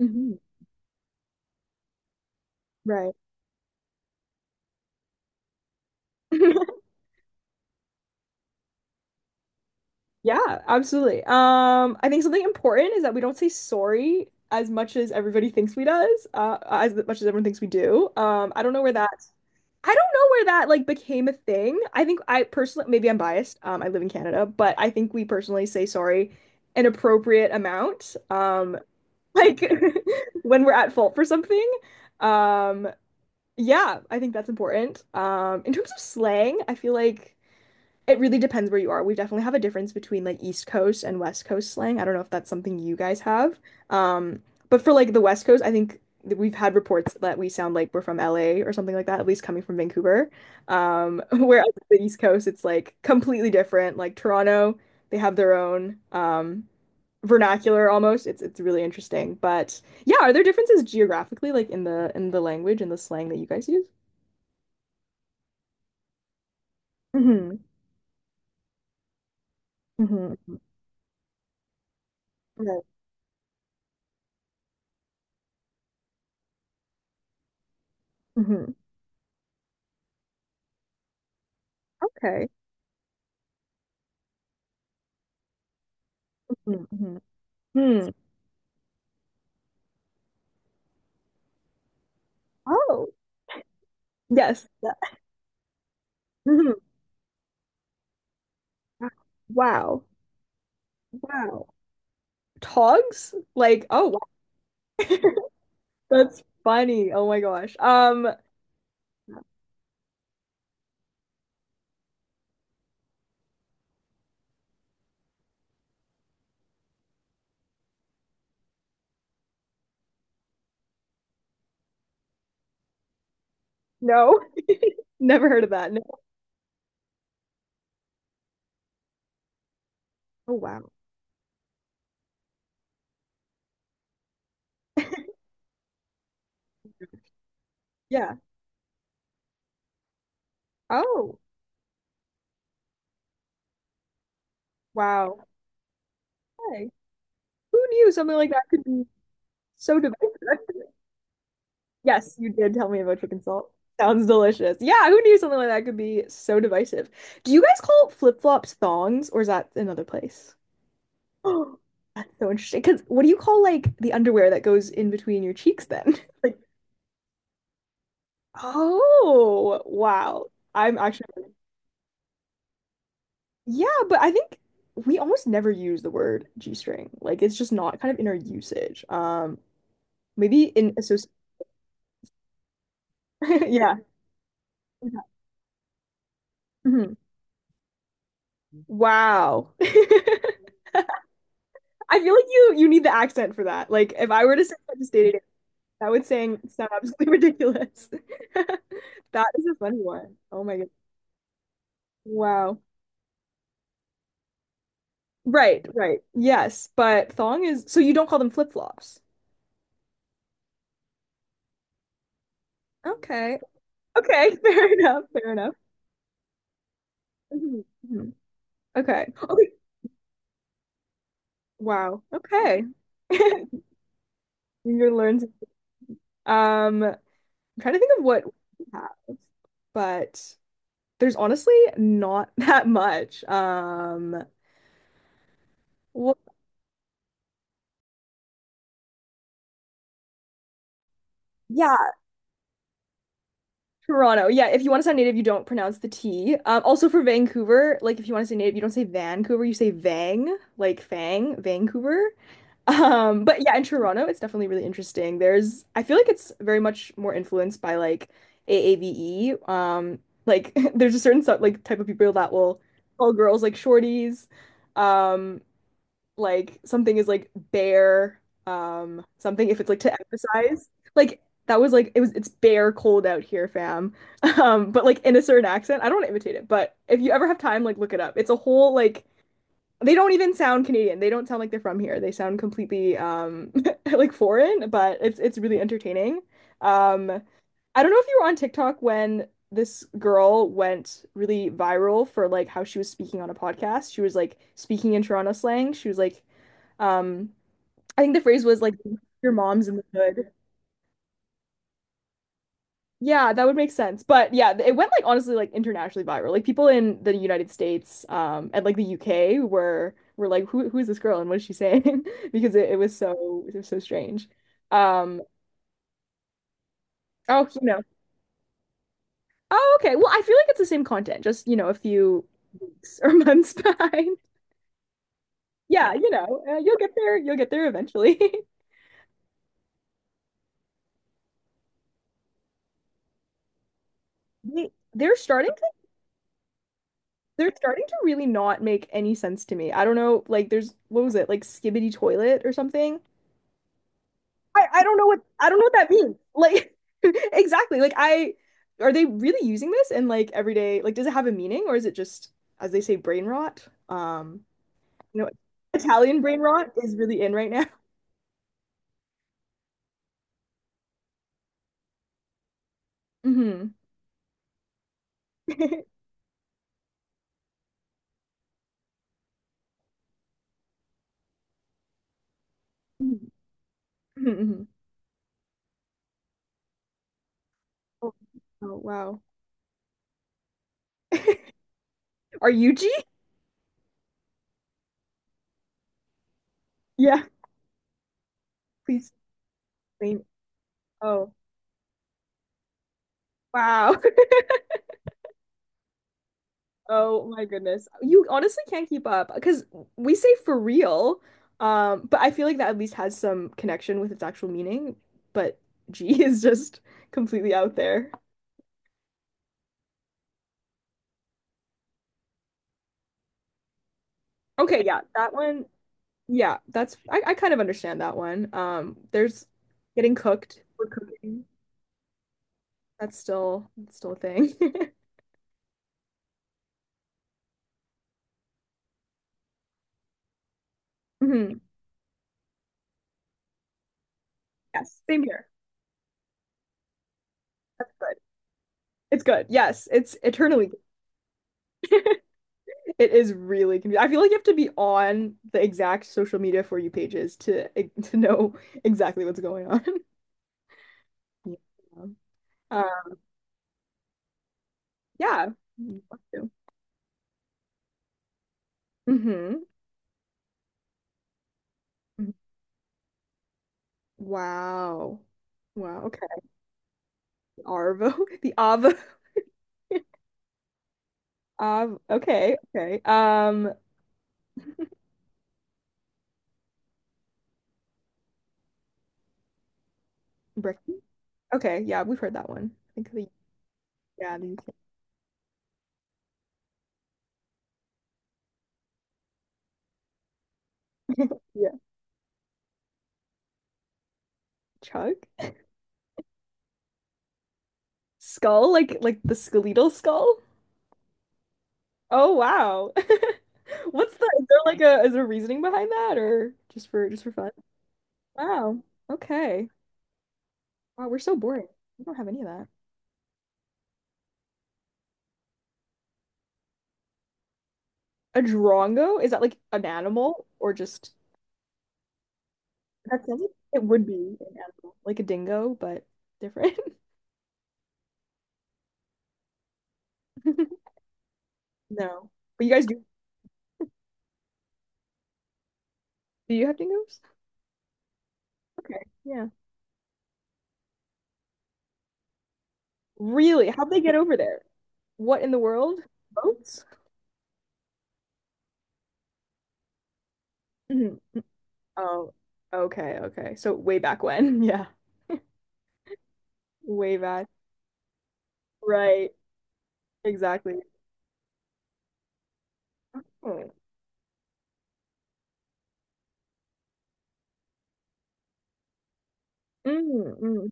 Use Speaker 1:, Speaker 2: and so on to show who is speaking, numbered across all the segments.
Speaker 1: hmm Right. Yeah, absolutely. I think something important is that we don't say sorry as much as everybody thinks we does, as much as everyone thinks we do. I don't know where that, I don't know where that like became a thing. I think I personally, maybe I'm biased. I live in Canada, but I think we personally say sorry an appropriate amount. Like when we're at fault for something. Um, yeah, I think that's important. In terms of slang, I feel like, it really depends where you are. We definitely have a difference between like East Coast and West Coast slang. I don't know if that's something you guys have. Um, but for like the West Coast, I think that we've had reports that we sound like we're from LA or something like that, at least coming from Vancouver. Whereas the East Coast, it's like completely different. Like Toronto, they have their own vernacular almost. It's really interesting. But yeah, are there differences geographically, like in the language and the slang that you guys use? hmm hmm Right. hmm Okay. Mhm, mhm. Hmm. Oh, yes. Mhm. Wow. Wow. Togs? Like, oh, wow. That's funny. Oh my gosh. No. Never heard of that. No. Oh, wow. Yeah. Oh, wow. Okay. Who knew something like that could be so divisive? Yes, you did tell me about chicken salt. Sounds delicious. Yeah, who knew something like that could be so divisive? Do you guys call flip-flops thongs, or is that another place? That's so interesting. Because what do you call like the underwear that goes in between your cheeks then? Like, oh, wow. I'm actually, yeah, but I think we almost never use the word G-string. Like, it's just not kind of in our usage. Maybe in associate. Yeah. Yeah. Mhm. Wow. I feel like you need the accent for that. Like, if I were to say that just day to day, that would saying sound absolutely ridiculous. That is a funny one. Oh my goodness. Wow. Right, right. Yes, but thong is, so you don't call them flip-flops. Okay. Okay, fair enough, fair enough. Mhm, mhm. Okay. Okay. Wow. Okay. You're learning. I'm trying to think of what we have, but there's honestly not that much. What Yeah, Toronto. Yeah, if you want to sound native, you don't pronounce the T. Also for Vancouver, like if you want to say native, you don't say Vancouver, you say Vang, like Fang, Vancouver. But yeah, in Toronto, it's definitely really interesting. I feel like it's very much more influenced by like AAVE. Like there's a certain sort, like type of people that will call girls like shorties. Um, like something is like bare. Something, if it's like to emphasize, like that was like it's bare cold out here, fam. But like in a certain accent, I don't want to imitate it, but if you ever have time, like look it up. It's a whole like they don't even sound Canadian. They don't sound like they're from here. They sound completely like foreign, but it's really entertaining. Um I don't know if you were on TikTok when this girl went really viral for like how she was speaking on a podcast. She was like speaking in Toronto slang. She was like um I think the phrase was like your mom's in the hood. Yeah, that would make sense. But yeah, it went like honestly like internationally viral. Like people in the United States and like the UK were like who is this girl and what is she saying? Because it was so strange. Um oh. Oh, okay. Well, I feel like it's the same content, just, a few weeks or months behind. Yeah, you'll get there eventually. They, they're starting to they're starting to really not make any sense to me. I don't know, like there's what was it? Like Skibbity Toilet or something? I don't know what I don't know what that means. Like exactly. Like I are they really using this in like everyday, like does it have a meaning or is it just as they say brain rot? You know, Italian brain rot is really in right now. Hmm. Oh, oh, wow. Are you G? Yeah, please explain. Oh, wow. Oh my goodness. You honestly can't keep up because we say for real, but I feel like that at least has some connection with its actual meaning. But G is just completely out there. Okay, yeah, that one. Yeah, I kind of understand that one. There's getting cooked or cooking. That's still a thing. Mhm. Yes, same here. That's good. It's good. Yes, it's eternally good. It is really confusing. I feel like you have to be on the exact social media For You pages to to know exactly what's going on. Yeah. Uh, yeah. Mm-hmm. Wow. Wow. Okay. Arvo. The Avo. Av. Okay. Okay. Brecky. Okay. Yeah, we've heard that one. I think the yeah. Yeah. Chug. Skull. Like the skeletal skull. Oh wow. Is there like a, is there reasoning behind that or just for fun? Wow. Okay. Wow, we're so boring. We don't have any of that. A drongo? Is that like an animal or that sounds like it would be an animal, like a dingo, but different. No. But you guys do you have dingoes? Okay. Yeah. Really? How'd they get over there? What in the world? Boats? Mhm. Oh, okay, okay. So way back when. Yeah. Way back. Right. Exactly. Mm, mm, mm.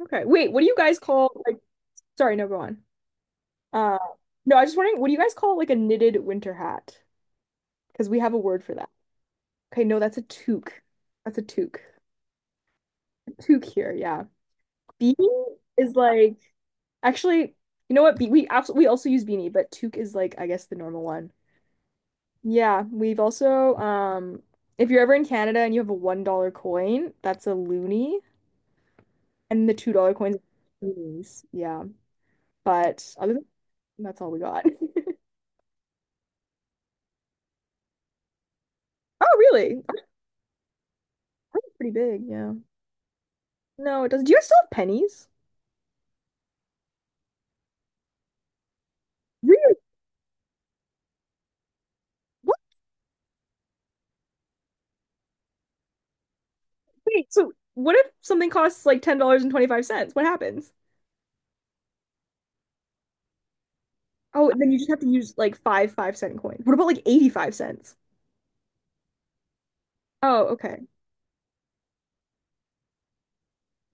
Speaker 1: Okay. Wait, what do you guys call like, sorry, no, go on. Uh no, I was just wondering, what do you guys call like a knitted winter hat? Because we have a word for that. Okay, no, that's a toque. That's a toque. A toque here, yeah. Beanie is like, actually, you know what? Be we absolutely we also use beanie, but toque is, like, I guess the normal one. Yeah, we've also if you're ever in Canada and you have a $1 coin, that's a loonie, and the $2 coins are loonies. Yeah. But other That's all we got. Oh, really? Oh, that's pretty big, yeah. No, it doesn't. Do you guys still have pennies? Really? What? Wait, so what if something costs like $10.25? What happens? Oh, and then you just have to use like five 5-cent coins. What about like 85 cents? Oh, okay.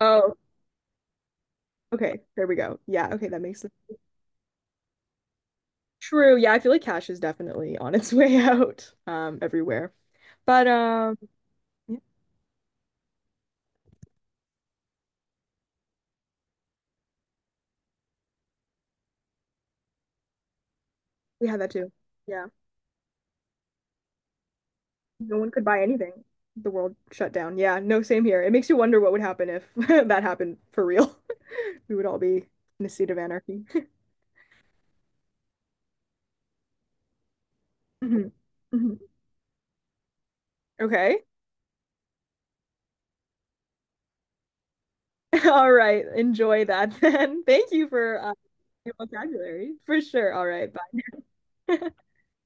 Speaker 1: Oh, okay. There we go. Yeah, okay, that makes sense. True. Yeah, I feel like cash is definitely on its way out everywhere. But yeah, we had that too. Yeah. No one could buy anything. The world shut down. Yeah, no, same here. It makes you wonder what would happen if that happened for real. We would all be in a state of anarchy. Mhm. Mhm. Okay. All right. Enjoy that then. Thank you for your vocabulary. For sure. All right. Bye.